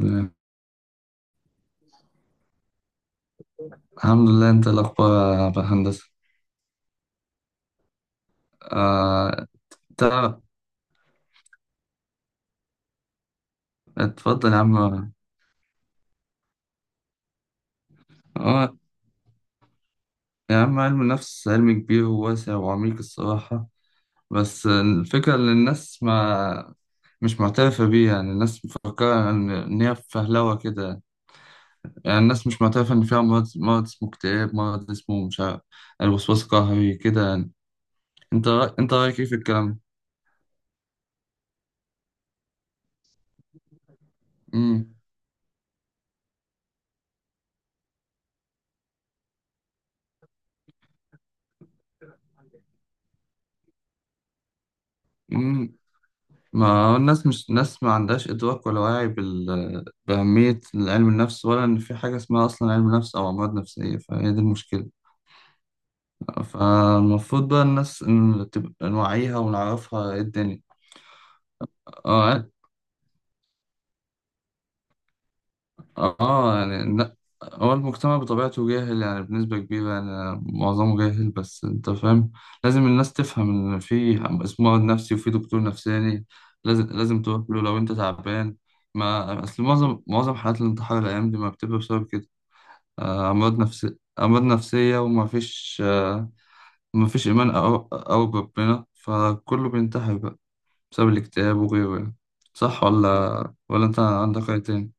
تمام. الحمد لله، انت الاخبار يا عبد الهندسه. آه، تعرف. اتفضل يا عم. اه يا عم، علم النفس علم كبير وواسع وعميق الصراحه. بس الفكره ان الناس ما مش معترفه بيه، يعني الناس مفكره ان هي فهلوه كده. يعني الناس مش معترفه ان فيها مرض، اسمه اكتئاب، مرض اسمه مش عارف، الوسواس القهري كده يعني. انت رايك ايه في الكلام ده؟ مم. ما الناس مش ناس، ما عندهاش إدراك ولا وعي بأهمية علم النفس، ولا إن في حاجة اسمها أصلا علم نفس أو أمراض نفسية، فهي دي المشكلة. فالمفروض بقى الناس إن تبقى نوعيها ونعرفها إيه الدنيا. آه، اه يعني لا، هو المجتمع بطبيعته جاهل، يعني بنسبة كبيرة، يعني معظمه جاهل، بس انت فاهم. لازم الناس تفهم ان في اسمه مرض نفسي وفي دكتور نفساني. لازم تروح له لو انت تعبان. ما اصل معظم حالات الانتحار الايام دي ما بتبقى بسبب كده. امراض نفسية، امراض نفسية، وما فيش آه، ما فيش ايمان او بربنا، فكله بينتحر بقى بسبب الاكتئاب وغيره يعني. صح ولا انت عندك رأي تاني؟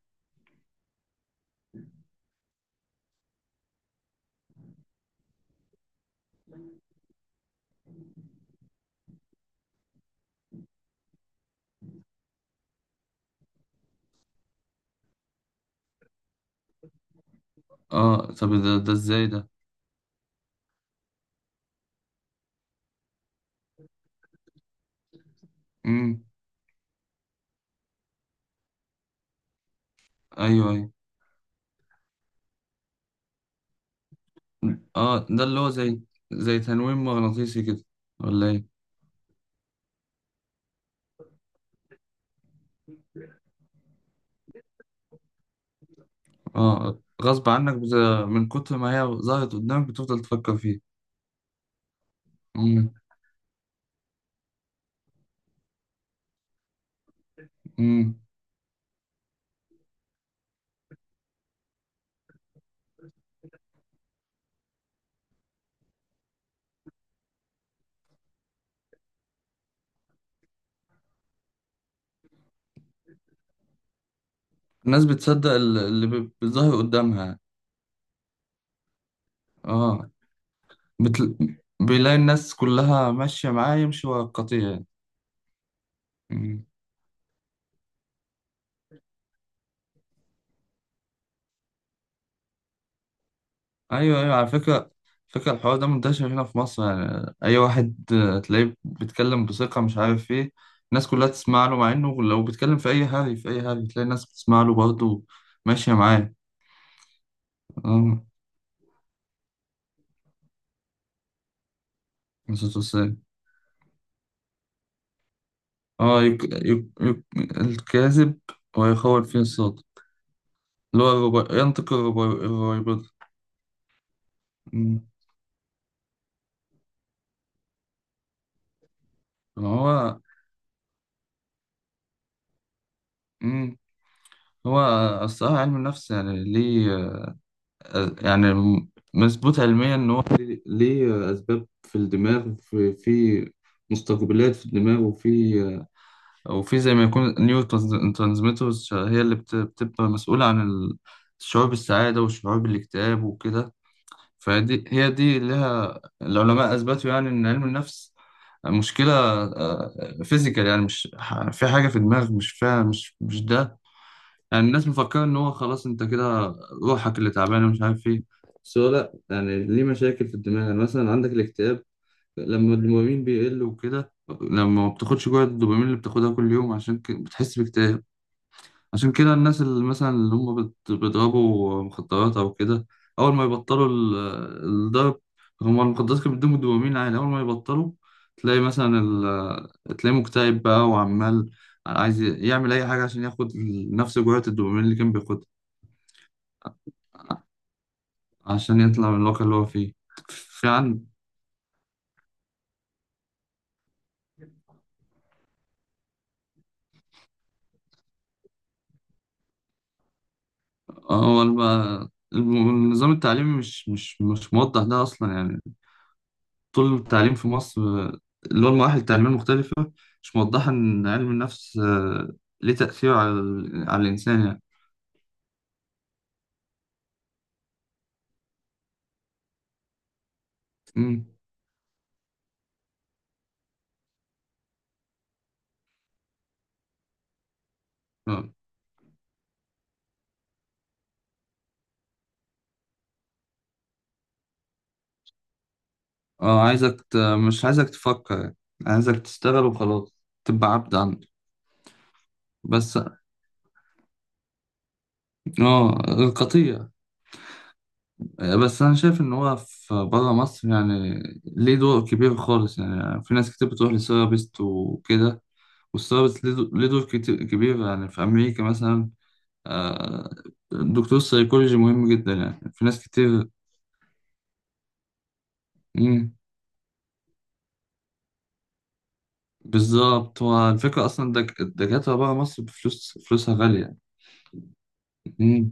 اه، طب ده، ده ازاي ده؟ امم. ايوه ايوه. اه، ده اللي هو زي، زي تنويم مغناطيسي كده؟ ولا ايه؟ اه، غصب عنك من كتر ما هي ظهرت قدامك بتفضل تفكر فيها. امم. امم. الناس بتصدق اللي بيظهر قدامها يعني. اه، بتل... بيلاقي الناس كلها ماشية معاه، يمشي ورا القطيع يعني. ايوه، ايوه، على فكره، فكره الحوار ده منتشر هنا في مصر، يعني اي واحد آه، تلاقيه بيتكلم بثقه مش عارف ايه، الناس كلها تسمع له، مع انه لو بيتكلم في اي هري، تلاقي الناس بتسمع له برضه، ماشيه معاه. اه، نسيت أقول. اه يك... يك... يك... الكاذب، ويخول فيه الصادق. اللي هو ينطق الربيبضة. أمم. هو، أمم، هو الصراحة علم النفس يعني ليه، يعني مظبوط علميا ان هو ليه، ليه اسباب في الدماغ، في في مستقبلات في الدماغ، وفي او في زي ما يكون نيو ترانسميترز هي اللي بتبقى مسؤولة عن الشعور بالسعادة والشعور بالاكتئاب وكده. فدي هي دي لها العلماء اثبتوا، يعني ان علم النفس مشكلة فيزيكال، يعني مش في حاجة في دماغ مش فيها، مش مش ده يعني. الناس مفكرة إن هو خلاص أنت كده روحك اللي تعبانة ومش عارف إيه. بس هو لأ، يعني ليه مشاكل في الدماغ. يعني مثلا عندك الاكتئاب لما الدوبامين بيقل وكده. لما ما بتاخدش جرعة الدوبامين اللي بتاخدها كل يوم، عشان بتحس باكتئاب. عشان كده الناس اللي مثلا اللي هم بيضربوا مخدرات أو كده، أول ما يبطلوا الضرب، هم المخدرات كانت بتديهم الدوبامين عالي، أول ما يبطلوا تلاقي مثلا تلاقيه مكتئب بقى، وعمال عايز يعمل أي حاجة عشان ياخد نفس جرعة الدوبامين اللي كان بياخدها. عشان يطلع من الواقع اللي هو فيه. في عن هو النظام التعليمي مش موضح ده أصلا يعني. طول التعليم في مصر، اللي هو المراحل التعليمية المختلفة، مش موضحة إن علم النفس ليه تأثير على على الإنسان يعني. مم. اه، عايزك مش عايزك تفكر يعني. عايزك تشتغل وخلاص، تبقى عبد عنده بس. اه، قطيع. آه، بس أنا شايف إن هو في برا مصر يعني ليه دور كبير خالص، يعني في ناس كتير بتروح لسيرابيست وكده، والسيرابيست ليه ليه دور كتير كبير يعني في أمريكا مثلا. آه، دكتور السيكولوجي مهم جدا يعني، في ناس كتير. مم. بالظبط، هو الفكرة أصلا الدكاترة بره مصر بفلوس، فلوسها غالية يعني. مم.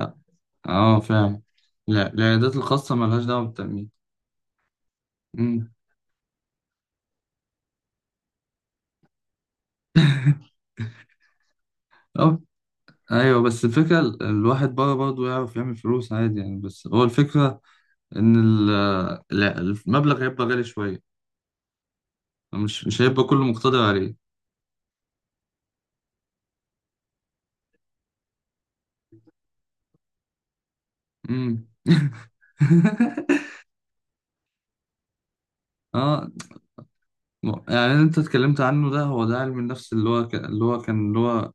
اه. آه، فعلا. لا، العيادات الخاصة ملهاش دعوة بالتأمين. مم. أه. أيوه، بس الفكرة الواحد بره برضه يعرف يعمل فلوس عادي يعني، بس هو الفكرة إن لا، المبلغ هيبقى غالي شوية، مش مش هيبقى كله مقتدر عليه. مم. اه، يعني اللي انت اتكلمت عنه ده، هو ده علم النفس اللي هو كان اللي هو كان اللي هو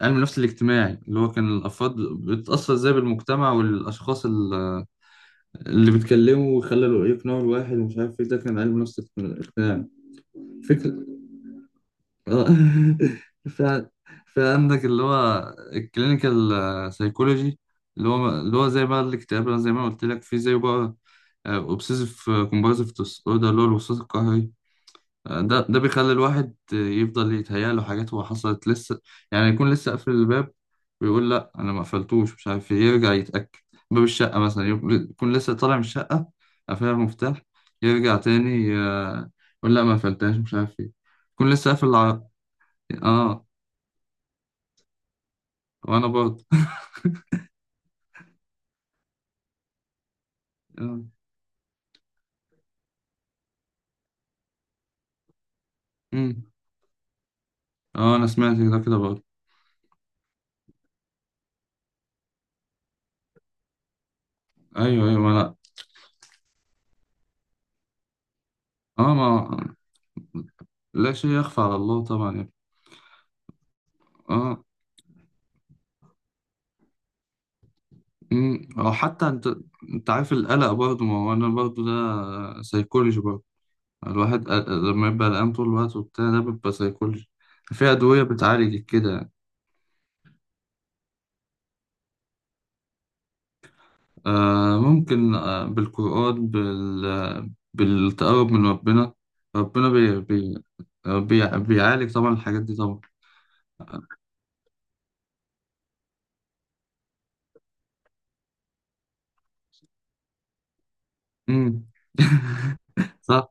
علم النفس الاجتماعي، اللي هو كان الافراد بتتاثر ازاي بالمجتمع والاشخاص اللي بيتكلموا ويخلوا يقنعوا الواحد ومش عارف ايه. ده كان علم النفس الاجتماعي. فكرة. آه. فعلا. في عندك اللي هو الكلينيكال سايكولوجي، اللي هو زي بقى الاكتئاب، زي ما قلت لك، في زي بقى اوبسيسيف كومبالسيف ديس اوردر، اللي هو الوسواس القهري. ده ده بيخلي الواحد يفضل يتهيأ له حاجات هو حصلت لسه، يعني يكون لسه قافل الباب، ويقول لا انا ما قفلتوش مش عارف إيه، يرجع يتأكد. باب الشقة مثلا، يكون لسه طالع من الشقة قافلها المفتاح، يرجع تاني آه، يقول لا ما قفلتهاش مش عارف ايه، يكون لسه قافل اه، وانا برضه. اه. أمم. آه، انا سمعت ده كده برضه. ايوه ايوه. ما لا اه ما لا شيء يخفى على الله طبعا. اه. امم. او حتى انت، انت عارف القلق برضه، ما هو انا برضه ده سيكولوجي برضه. الواحد لما يبقى قلقان طول الوقت وبتاع، ده بيبقى سيكولوجي، في أدوية بتعالج كده. آه ممكن، آه بالقرآن، بالتقرب من ربنا. ربنا بي بي آه، بيعالج طبعا الحاجات دي طبعا. امم. صح.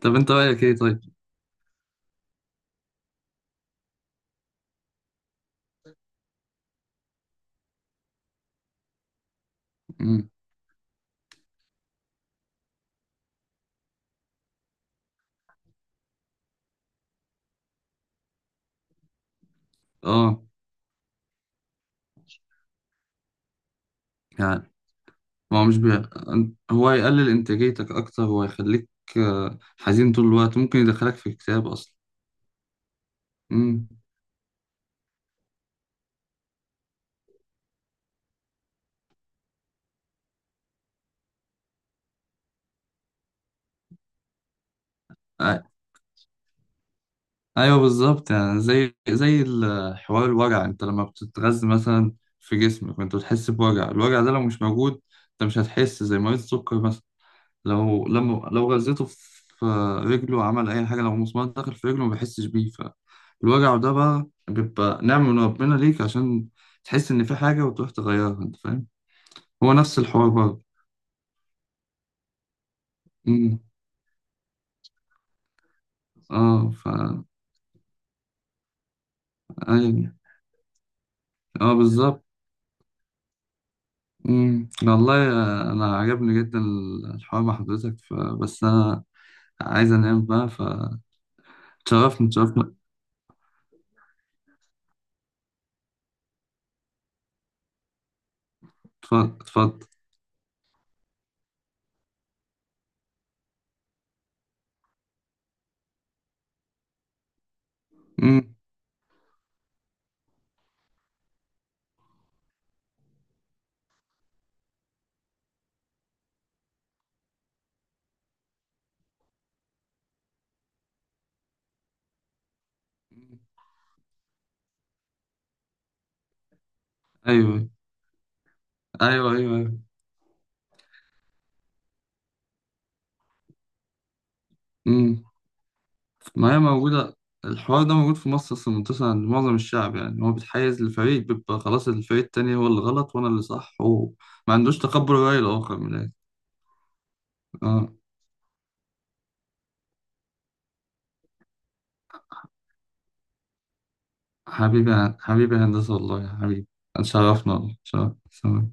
طب انت رأيك ايه طيب؟ امم. اه يعني. ما هو مش هو يقلل إنتاجيتك أكتر، هو يخليك آه، حزين طول الوقت، ممكن يدخلك في اكتئاب أصلا. مم. أي- أيوه بالظبط. يعني زي، زي حوار الوجع، أنت لما بتتغذى مثلا في جسمك، وأنت بتحس بوجع، الوجع ده لو مش موجود، أنت مش هتحس، زي مريض السكر مثلا لو لما لو غذيته في رجله، عمل أي حاجة، لو مسمار دخل في رجله ما بيحسش بيه. فالوجع ده بقى بيبقى نعمة من ربنا ليك، عشان تحس إن في حاجة وتروح تغيرها. أنت فاهم؟ هو نفس الحوار برضه. مم. اه ف. ايوه. اه بالظبط. مم. والله آه، انا عجبني جدا الحوار مع حضرتك، ف... بس انا عايز انام بقى. فتشرفني. اتفضل اتفضل. مم. ايوه ايوه. مم. ما هي موجوده، الحوار ده موجود في مصر اصلا، منتشر عند معظم الشعب. يعني هو بيتحيز للفريق، بيبقى خلاص الفريق التاني هو اللي غلط وانا اللي صح، هو ما عندوش تقبل الرأي الآخر من الآخر. اه. حبيبي يا- حبيبي يا هندسة، والله يا حبيبي. اتشرفنا والله. اتشرفنا.